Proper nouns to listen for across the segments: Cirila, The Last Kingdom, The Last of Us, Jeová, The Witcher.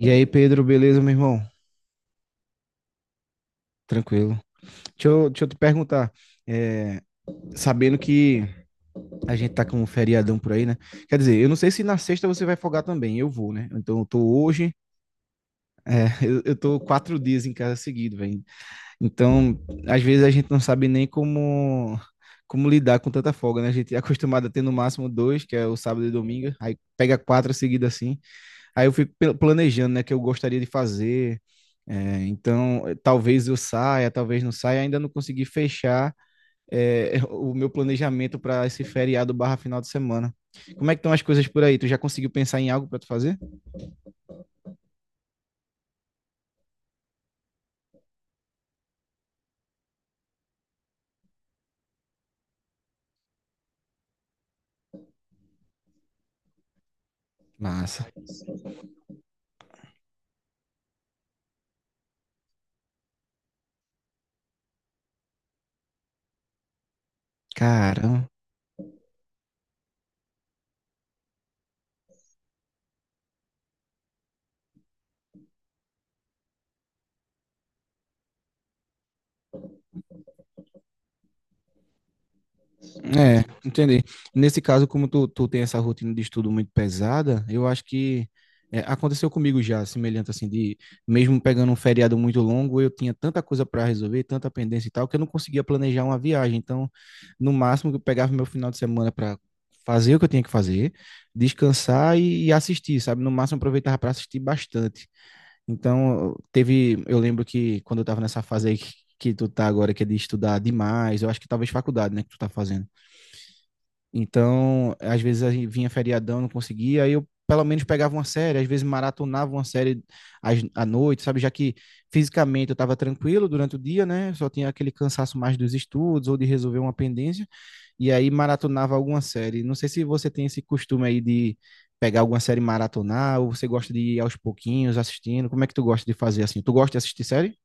E aí, Pedro, beleza, meu irmão? Tranquilo. Deixa eu te perguntar, é, sabendo que a gente tá com um feriadão por aí, né? Quer dizer, eu não sei se na sexta você vai folgar também, eu vou, né? Então eu tô hoje, eu tô quatro dias em casa seguido, velho. Então, às vezes a gente não sabe nem como lidar com tanta folga, né? A gente é acostumado a ter no máximo dois, que é o sábado e domingo, aí pega quatro seguidas assim. Aí eu fico planejando, né, que eu gostaria de fazer. É, então, talvez eu saia, talvez não saia. Ainda não consegui fechar, o meu planejamento para esse feriado barra final de semana. Como é que estão as coisas por aí? Tu já conseguiu pensar em algo para tu fazer? Massa. Caramba. É, entendi. Nesse caso, como tu tem essa rotina de estudo muito pesada, eu acho que aconteceu comigo já, semelhante assim, de mesmo pegando um feriado muito longo, eu tinha tanta coisa para resolver, tanta pendência e tal, que eu não conseguia planejar uma viagem. Então, no máximo, eu pegava meu final de semana para fazer o que eu tinha que fazer, descansar e assistir, sabe? No máximo, eu aproveitava para assistir bastante. Então, eu lembro que quando eu estava nessa fase aí que tu tá agora, que é de estudar demais, eu acho que talvez faculdade, né, que tu tá fazendo. Então, às vezes a gente vinha feriadão, não conseguia, aí eu pelo menos pegava uma série, às vezes maratonava uma série à noite, sabe? Já que fisicamente eu estava tranquilo durante o dia, né? Só tinha aquele cansaço mais dos estudos ou de resolver uma pendência, e aí maratonava alguma série. Não sei se você tem esse costume aí de pegar alguma série e maratonar, ou você gosta de ir aos pouquinhos assistindo. Como é que tu gosta de fazer assim? Tu gosta de assistir série?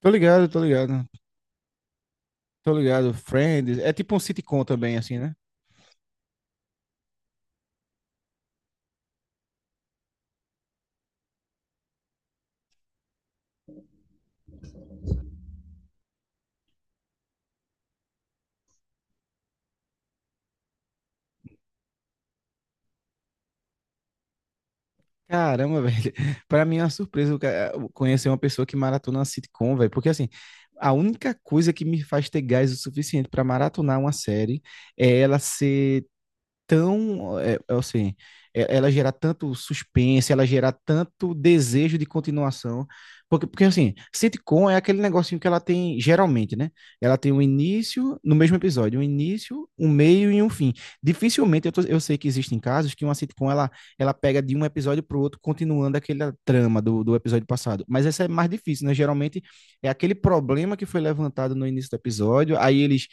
Tô ligado. Tô ligado. Friends, é tipo um sitcom também assim, né? Caramba, velho. Pra mim é uma surpresa o o conhecer uma pessoa que maratona uma sitcom, velho. Porque assim, a única coisa que me faz ter gás o suficiente pra maratonar uma série é ela ser tão, é, é assim, é- ela gerar tanto suspense, ela gerar tanto desejo de continuação, porque assim, sitcom é aquele negocinho que ela tem, geralmente, né? Ela tem um início, no mesmo episódio, um início, um meio e um fim. Dificilmente, eu sei que existem casos que uma sitcom, ela pega de um episódio pro outro, continuando aquela trama do episódio passado, mas essa é mais difícil, né? Geralmente, é aquele problema que foi levantado no início do episódio, aí eles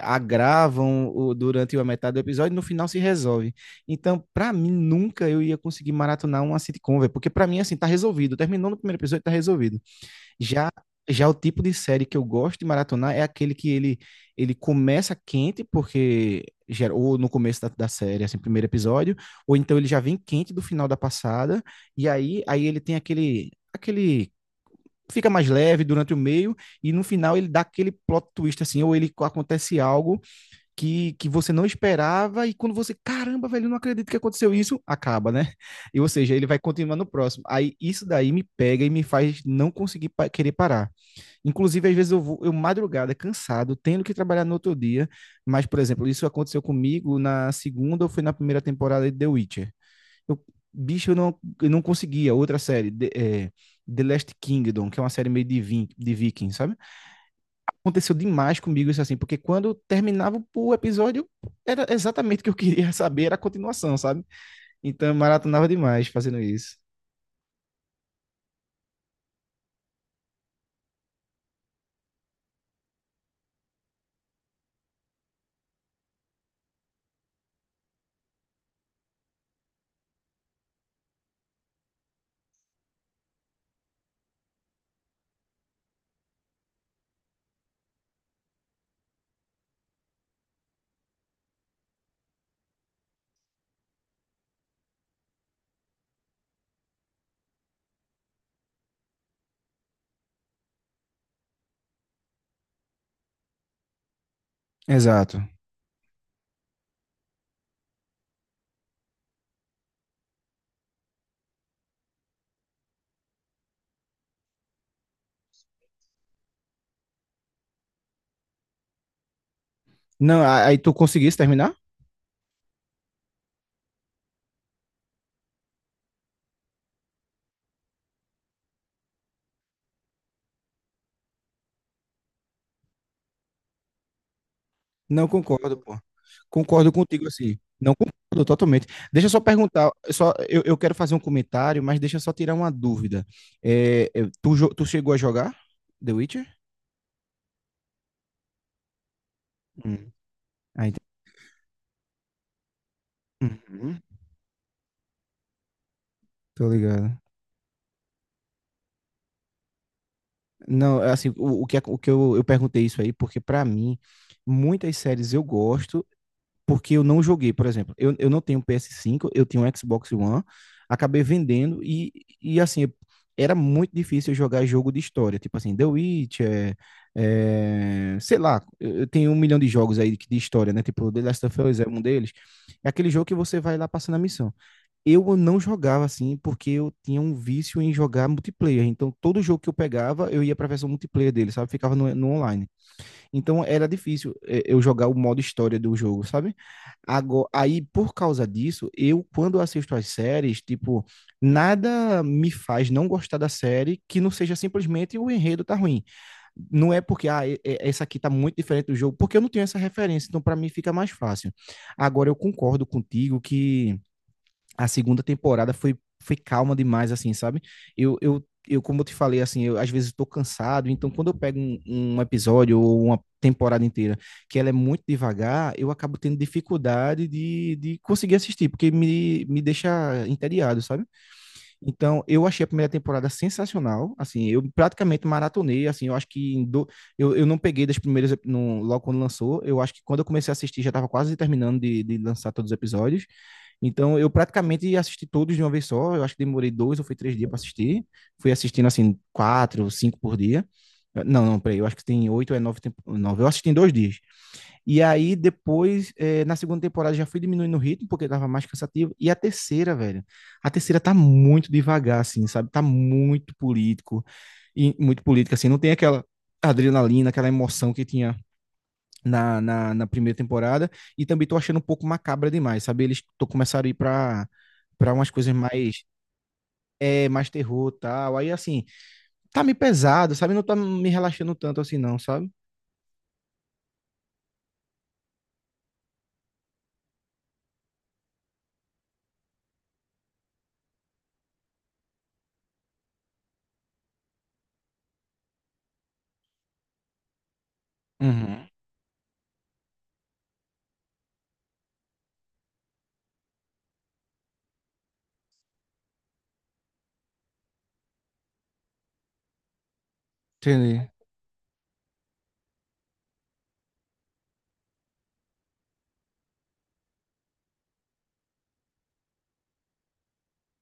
durante a metade do episódio e no final se resolve. Então, para mim, nunca eu ia conseguir maratonar uma sitcom, véio, porque para mim, assim, tá resolvido. Terminou no primeiro episódio, tá resolvido. Já já o tipo de série que eu gosto de maratonar é aquele ele começa quente, porque já, ou no começo da série, assim, primeiro episódio, ou então ele já vem quente do final da passada, e aí ele tem aquele fica mais leve durante o meio e no final ele dá aquele plot twist assim, ou ele acontece algo que você não esperava, e quando você, caramba, velho, eu não acredito que aconteceu isso, acaba, né? E, ou seja, ele vai continuar no próximo. Aí isso daí me pega e me faz não conseguir pa querer parar. Inclusive, às vezes eu madrugada, cansado, tendo que trabalhar no outro dia, mas, por exemplo, isso aconteceu comigo na segunda ou foi na primeira temporada de The Witcher. Eu, bicho, eu não conseguia. Outra série, The Last Kingdom, que é uma série meio de, de viking, sabe? Aconteceu demais comigo isso assim, porque quando terminava o episódio, era exatamente o que eu queria saber, era a continuação, sabe? Então eu maratonava demais fazendo isso. Exato. Não, aí tu conseguisse terminar? Não concordo, pô. Concordo contigo assim. Não concordo totalmente. Deixa eu só perguntar, eu quero fazer um comentário, mas deixa eu só tirar uma dúvida. Tu chegou a jogar The Witcher? Hum. Ah, ent- Uhum. Tô ligado. Não, é assim, o que eu perguntei isso aí, porque pra mim, muitas séries eu gosto, porque eu não joguei, por exemplo. Eu não tenho ps cinco, eu tenho um Xbox One, acabei vendendo e assim, era muito difícil eu jogar jogo de história, tipo assim, The Witcher, sei lá, eu tenho um milhão de jogos aí de história, né? Tipo, The Last of Us é um deles. É aquele jogo que você vai lá passando a missão eu não jogava assim porque eu tinha um vício em jogar multiplayer. Então, todo jogo que eu pegava, eu ia pra versão multiplayer dele, sabe? Ficava no online. Então, era difícil eu jogar o modo história do jogo, sabe? Agora, aí, por causa disso, eu, quando assisto as séries, tipo, nada me faz não gostar da série que não seja simplesmente o enredo tá ruim. Não é porque, ah, essa aqui tá muito diferente do jogo, porque eu não tenho essa referência. Então, pra mim, fica mais fácil. Agora, eu concordo contigo que a segunda foi calma demais, assim, sabe? Como eu te falei, assim, eu às vezes estou cansado, então quando eu pego um episódio ou uma temporada inteira que ela é muito devagar, eu acabo tendo dificuldade de conseguir assistir, porque me deixa entediado, sabe? Então, eu achei a primeira temporada sensacional, assim, eu praticamente maratonei, assim, eu acho que em do, eu não peguei das primeiras, ep- no, logo quando lançou, eu acho que quando eu comecei a assistir já estava quase terminando de lançar todos os episódios, então, eu praticamente assisti todos de uma vez só. Eu acho que demorei dois ou foi três dias para assistir. Fui assistindo, assim, quatro, ou cinco por dia. Não, não, peraí, eu acho que tem oito ou é nove, nove. Eu assisti em dois dias. E aí, depois, na segunda temporada, já fui diminuindo o ritmo, porque tava mais cansativo. E a terceira, velho, a terceira tá muito devagar, assim, sabe? Tá muito político, e muito política, assim. Não tem aquela adrenalina, aquela emoção que tinha na primeira temporada e também tô achando um pouco macabra demais, sabe? Eles tô começaram a ir pra umas coisas mais mais terror e tal. Aí assim, tá meio pesado, sabe? Não tá me relaxando tanto assim não, sabe? Uhum. Entendi.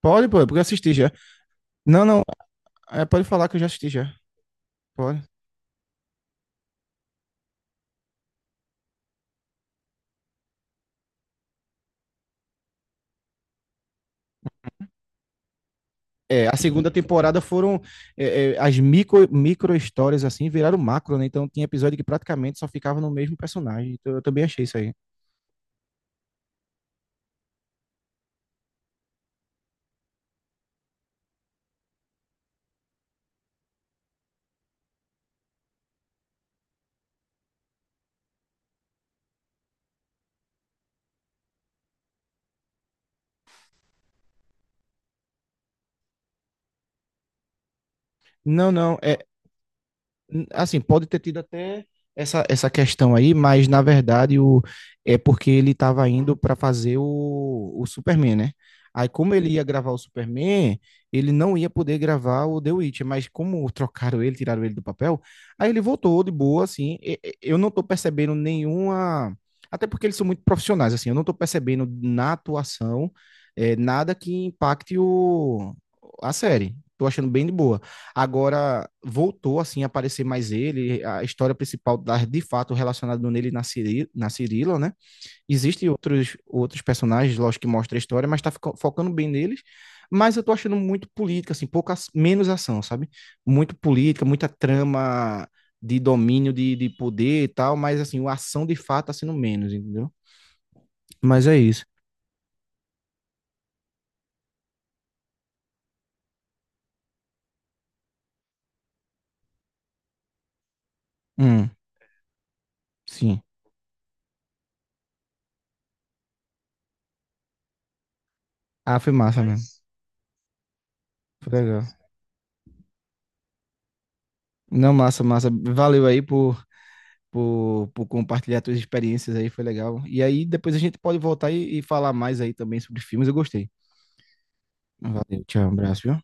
Pode, pô, porque eu assisti já. Não, não, é, pode falar que eu já assisti já. Pode. É, a segunda temporada foram as micro histórias assim, viraram macro, né? Então tinha episódio que praticamente só ficava no mesmo personagem. Então, eu também achei isso aí. Não, não, é, N- Assim, pode ter tido até essa questão aí, mas na verdade é porque ele estava indo para fazer o Superman, né? Aí, como ele ia gravar o Superman, ele não ia poder gravar o The Witcher, mas como trocaram ele, tiraram ele do papel, aí ele voltou de boa, assim. Eu não tô percebendo nenhuma. Até porque eles são muito profissionais, assim, eu não tô percebendo na atuação nada que impacte a série. Tô achando bem de boa. Agora voltou assim a aparecer mais ele, a história principal de fato relacionada nele na, Ciri, na Cirila, né? Existem outros personagens, lógico, que mostra a história, mas tá focando bem neles. Mas eu tô achando muito política, assim, pouca, menos ação, sabe? Muito política, muita trama de domínio, de poder e tal, mas assim, a ação de fato tá sendo menos, entendeu? Mas é isso. Hum, sim. Ah, foi massa mesmo. Foi legal. Não, massa, massa. Valeu aí por compartilhar suas experiências aí, foi legal. E aí depois a gente pode voltar e falar mais aí também sobre filmes, eu gostei. Valeu, tchau, um abraço, viu?